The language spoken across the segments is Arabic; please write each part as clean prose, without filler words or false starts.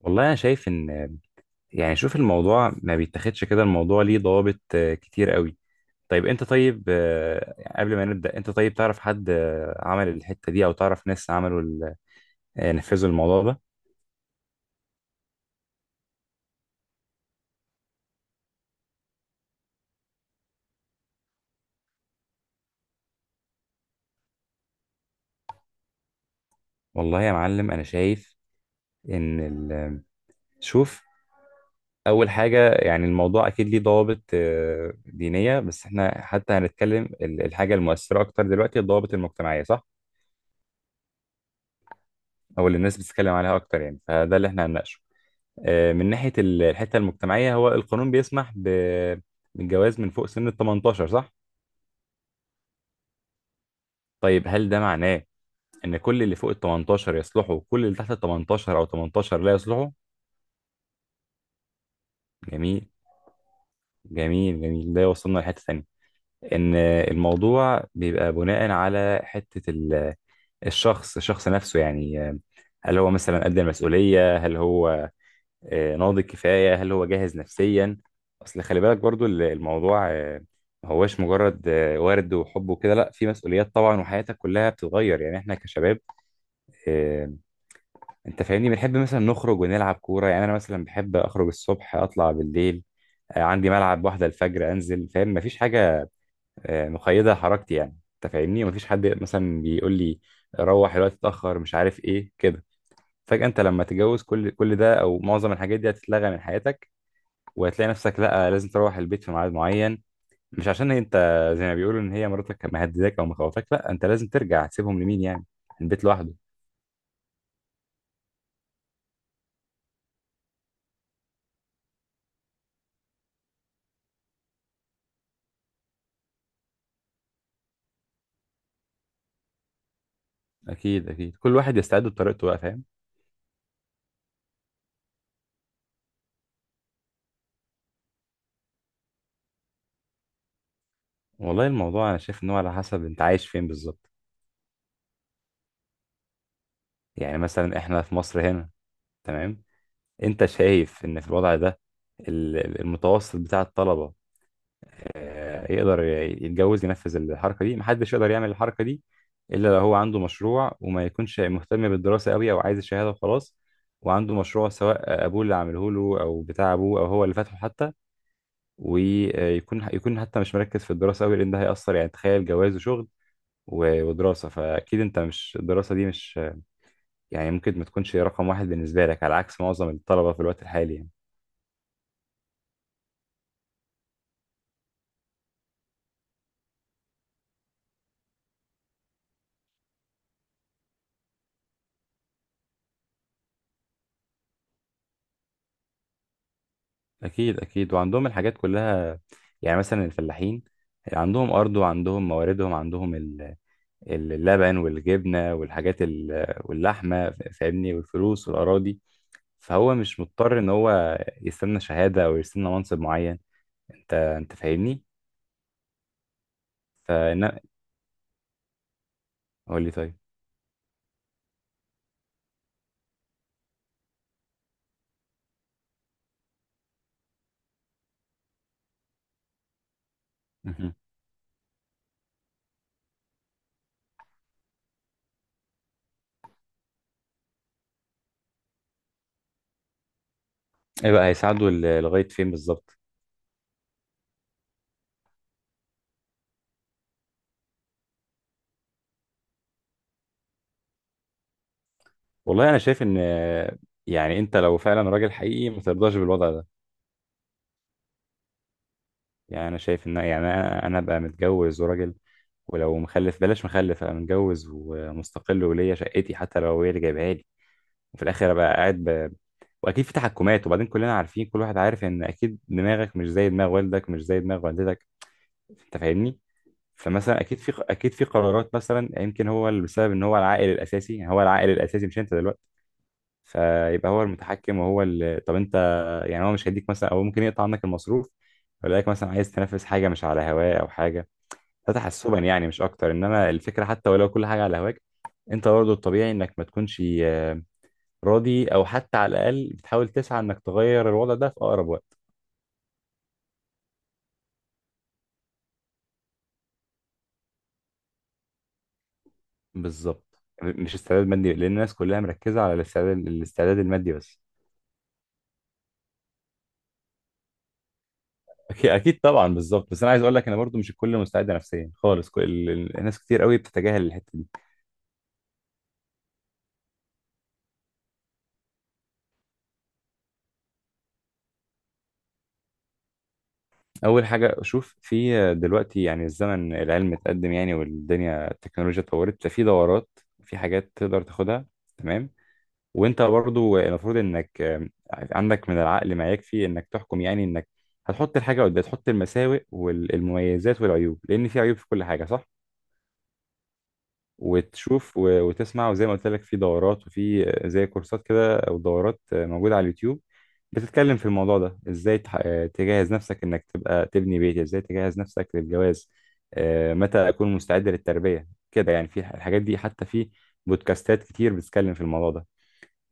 والله انا شايف ان يعني شوف الموضوع ما بيتاخدش كده. الموضوع ليه ضوابط كتير قوي. طيب انت طيب، قبل ما نبدأ، انت طيب تعرف حد عمل الحتة دي او تعرف ناس عملوا ال- آه، نفذوا الموضوع ده؟ والله يا معلم انا شايف ان ال- شوف، اول حاجة يعني الموضوع اكيد ليه ضوابط دينية، بس احنا حتى هنتكلم الحاجة المؤثرة اكتر دلوقتي، الضوابط المجتمعية، صح؟ او اللي الناس بتتكلم عليها اكتر يعني، فده اللي احنا هنناقشه. من ناحية الحتة المجتمعية، هو القانون بيسمح بالجواز من فوق سن ال 18، صح؟ طيب هل ده معناه إن كل اللي فوق ال 18 يصلحوا وكل اللي تحت ال 18 أو 18 لا يصلحوا؟ جميل. جميل جميل، ده يوصلنا لحتة تانية. إن الموضوع بيبقى بناء على حتة الشخص نفسه. يعني هل هو مثلا قد المسؤولية؟ هل هو ناضج كفاية؟ هل هو جاهز نفسيا؟ اصل خلي بالك برضو الموضوع ما هوش مجرد ورد وحب وكده، لا، في مسؤوليات طبعا، وحياتك كلها بتتغير. يعني احنا كشباب، آه، انت فاهمني، بنحب مثلا نخرج ونلعب كورة. يعني انا مثلا بحب اخرج الصبح اطلع بالليل، عندي ملعب واحدة الفجر انزل، فاهم، مفيش حاجة مقيدة حركتي يعني. انت فاهمني، مفيش حد مثلا بيقول لي روح الوقت اتأخر مش عارف ايه كده. فجأة انت لما تتجوز، كل ده او معظم الحاجات دي هتتلغى من حياتك. وهتلاقي نفسك لا، لازم تروح البيت في ميعاد معين. مش عشان انت زي ما بيقولوا ان هي مراتك مهدداك او مخوفاك، لا، انت لازم ترجع. تسيبهم لمين يعني، البيت لوحده؟ اكيد اكيد، كل واحد يستعد بطريقته بقى، فاهم. والله الموضوع انا شايف ان هو على حسب انت عايش فين بالظبط. يعني مثلا احنا في مصر هنا، تمام. انت شايف ان في الوضع ده، المتوسط بتاع الطلبة يقدر يتجوز ينفذ الحركة دي؟ محدش يقدر يعمل الحركة دي إلا لو هو عنده مشروع، وما يكونش مهتم بالدراسة قوي أو عايز الشهادة وخلاص، وعنده مشروع سواء أبوه اللي عامله له أو بتاع أبوه أو هو اللي فاتحه حتى. ويكون حتى مش مركز في الدراسة قوي، لأن ده هيأثر. يعني تخيل جواز وشغل ودراسة، فأكيد أنت مش، الدراسة دي مش، يعني ممكن ما تكونش رقم واحد بالنسبة لك، على عكس معظم الطلبة في الوقت الحالي يعني. اكيد اكيد، وعندهم الحاجات كلها. يعني مثلا الفلاحين عندهم ارض وعندهم مواردهم، عندهم اللبن والجبنه والحاجات واللحمه، فاهمني، والفلوس والاراضي. فهو مش مضطر ان هو يستنى شهاده او يستنى منصب معين. انت فاهمني. فانا، قول لي طيب. مهم. ايه بقى هيساعده لغايه فين بالظبط؟ والله انا شايف ان، يعني انت لو فعلا راجل حقيقي ما ترضاش بالوضع ده. يعني انا شايف ان، يعني انا ابقى متجوز وراجل، ولو مخلف بلاش مخلف، ابقى متجوز ومستقل وليا شقتي حتى لو هي اللي جايبها لي. وفي الاخر ابقى قاعد ب... واكيد في تحكمات. وبعدين كلنا عارفين، كل واحد عارف ان اكيد دماغك مش زي دماغ والدك مش زي دماغ والدتك. انت فاهمني. فمثلا اكيد في قرارات مثلا، يمكن هو اللي بسبب ان هو العائل الاساسي. يعني هو العائل الاساسي مش انت دلوقتي، فيبقى هو المتحكم وهو اللي، طب انت. يعني هو مش هيديك مثلا، او ممكن يقطع عنك المصروف ويلاقيك مثلا عايز تنافس حاجه مش على هواه او حاجه. ده تحسبا يعني، مش اكتر. انما الفكره، حتى ولو كل حاجه على هواك، انت برضه الطبيعي انك ما تكونش راضي، او حتى على الاقل بتحاول تسعى انك تغير الوضع ده في اقرب وقت. بالظبط. مش استعداد مادي، لان الناس كلها مركزه على الاستعداد المادي بس. اكيد اكيد طبعا، بالظبط. بس انا عايز اقول لك انا برضو مش الكل مستعد نفسيا خالص. كل الناس كتير قوي بتتجاهل الحته دي. اول حاجه اشوف في دلوقتي، يعني الزمن، العلم اتقدم يعني، والدنيا، التكنولوجيا اتطورت، ففي دورات، في حاجات تقدر تاخدها، تمام. وانت برضو المفروض انك، عندك من العقل ما يكفي انك تحكم. يعني انك هتحط الحاجه قدام، تحط المساوئ والمميزات والعيوب، لان في عيوب في كل حاجه، صح. وتشوف وتسمع، وزي ما قلت لك، في دورات وفي زي كورسات كده او دورات موجوده على اليوتيوب بتتكلم في الموضوع ده. ازاي تجهز نفسك انك تبقى تبني بيت، ازاي تجهز نفسك للجواز، متى اكون مستعد للتربيه كده يعني. في الحاجات دي حتى في بودكاستات كتير بتتكلم في الموضوع ده.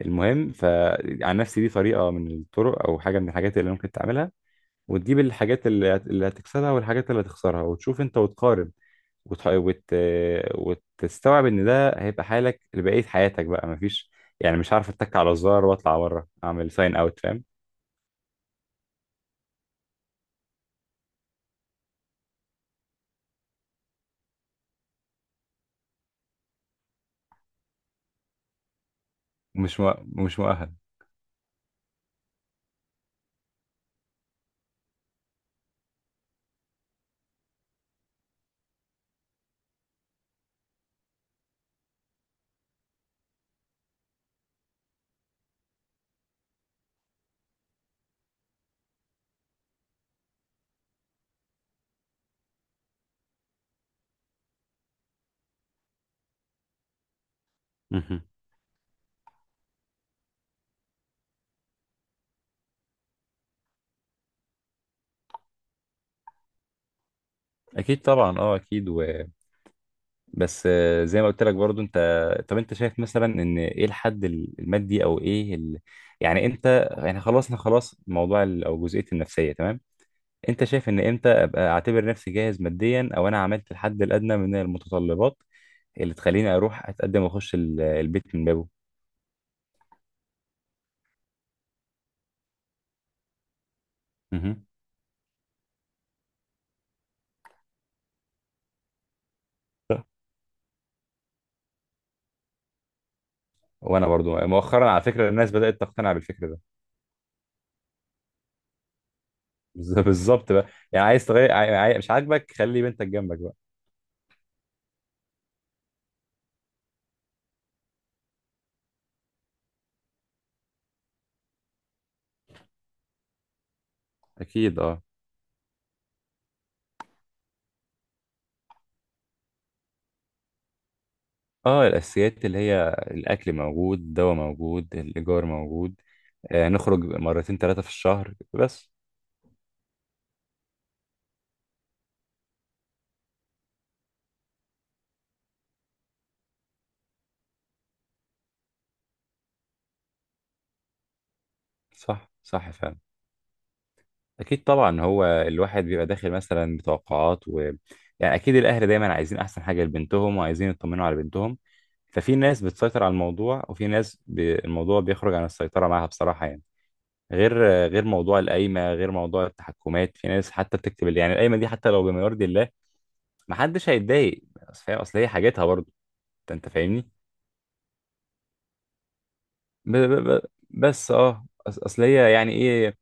المهم، فعن نفسي دي طريقه من الطرق او حاجه من الحاجات اللي ممكن تعملها. وتجيب الحاجات اللي هتكسبها والحاجات اللي هتخسرها، وتشوف انت وتقارن، وت... وت... وتستوعب ان ده هيبقى حالك لبقية حياتك بقى. مفيش يعني، مش عارف، اتك على الزرار واطلع بره اعمل ساين اوت، فاهم. مش مؤهل. مهم. اكيد طبعا، اه اكيد و... بس زي ما قلت لك برضو انت. طب انت شايف مثلا ان ايه الحد المادي، او ايه ال... يعني انت، يعني خلصنا خلاص موضوع ال... او جزئية النفسية، تمام. انت شايف ان امتى ابقى اعتبر نفسي جاهز ماديا، او انا عملت الحد الادنى من المتطلبات اللي تخليني اروح اتقدم واخش البيت من بابه؟ مهم. وانا برضو مؤخرا، على فكره، الناس بدات تقتنع بالفكر ده. بالظبط بقى. يعني عايز تغير، مش عاجبك، خلي بنتك جنبك بقى. اكيد. اه اه، الاساسيات، اللي هي الاكل موجود، الدواء موجود، الايجار موجود، آه نخرج مرتين ثلاثه في الشهر بس. صح صح فعلا. اكيد طبعا، هو الواحد بيبقى داخل مثلا بتوقعات و... يعني اكيد الاهل دايما عايزين احسن حاجه لبنتهم وعايزين يطمنوا على بنتهم. ففي ناس بتسيطر على الموضوع، وفي ناس بي... الموضوع بيخرج عن السيطره معاها بصراحه يعني. غير غير موضوع القايمه، غير موضوع التحكمات. في ناس حتى بتكتب، اللي يعني القايمه دي حتى لو بما يرضي الله، ما حدش هيتضايق. اصل فاهم، اصل هي حاجتها برضه. انت فاهمني. ب ب ب بس اه، اصل هي يعني ايه،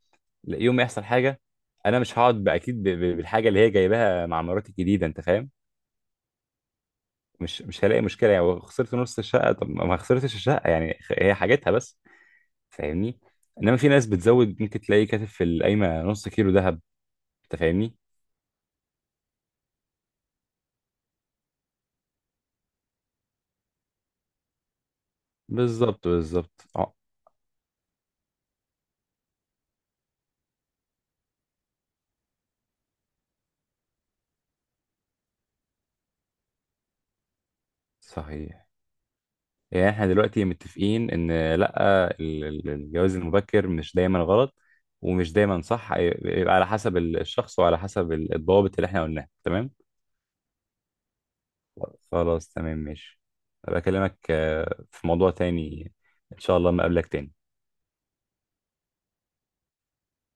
يوم ما يحصل حاجه انا مش هقعد باكيد بالحاجه اللي هي جايباها مع مراتي الجديده، انت فاهم. مش هلاقي مشكله. يعني خسرت نص الشقه، طب ما خسرتش الشقه يعني، هي حاجتها بس، فاهمني. انما في ناس بتزود، ممكن تلاقي كاتب في القايمه نص كيلو ذهب، انت فاهمني. بالظبط بالظبط. صحيح. يعني احنا دلوقتي متفقين ان لا، الجواز المبكر مش دايما غلط ومش دايما صح. يبقى على حسب الشخص وعلى حسب الضوابط اللي احنا قلناها، تمام. خلاص تمام، ماشي. أبقى اكلمك في موضوع تاني ان شاء الله. ما قبلك تاني.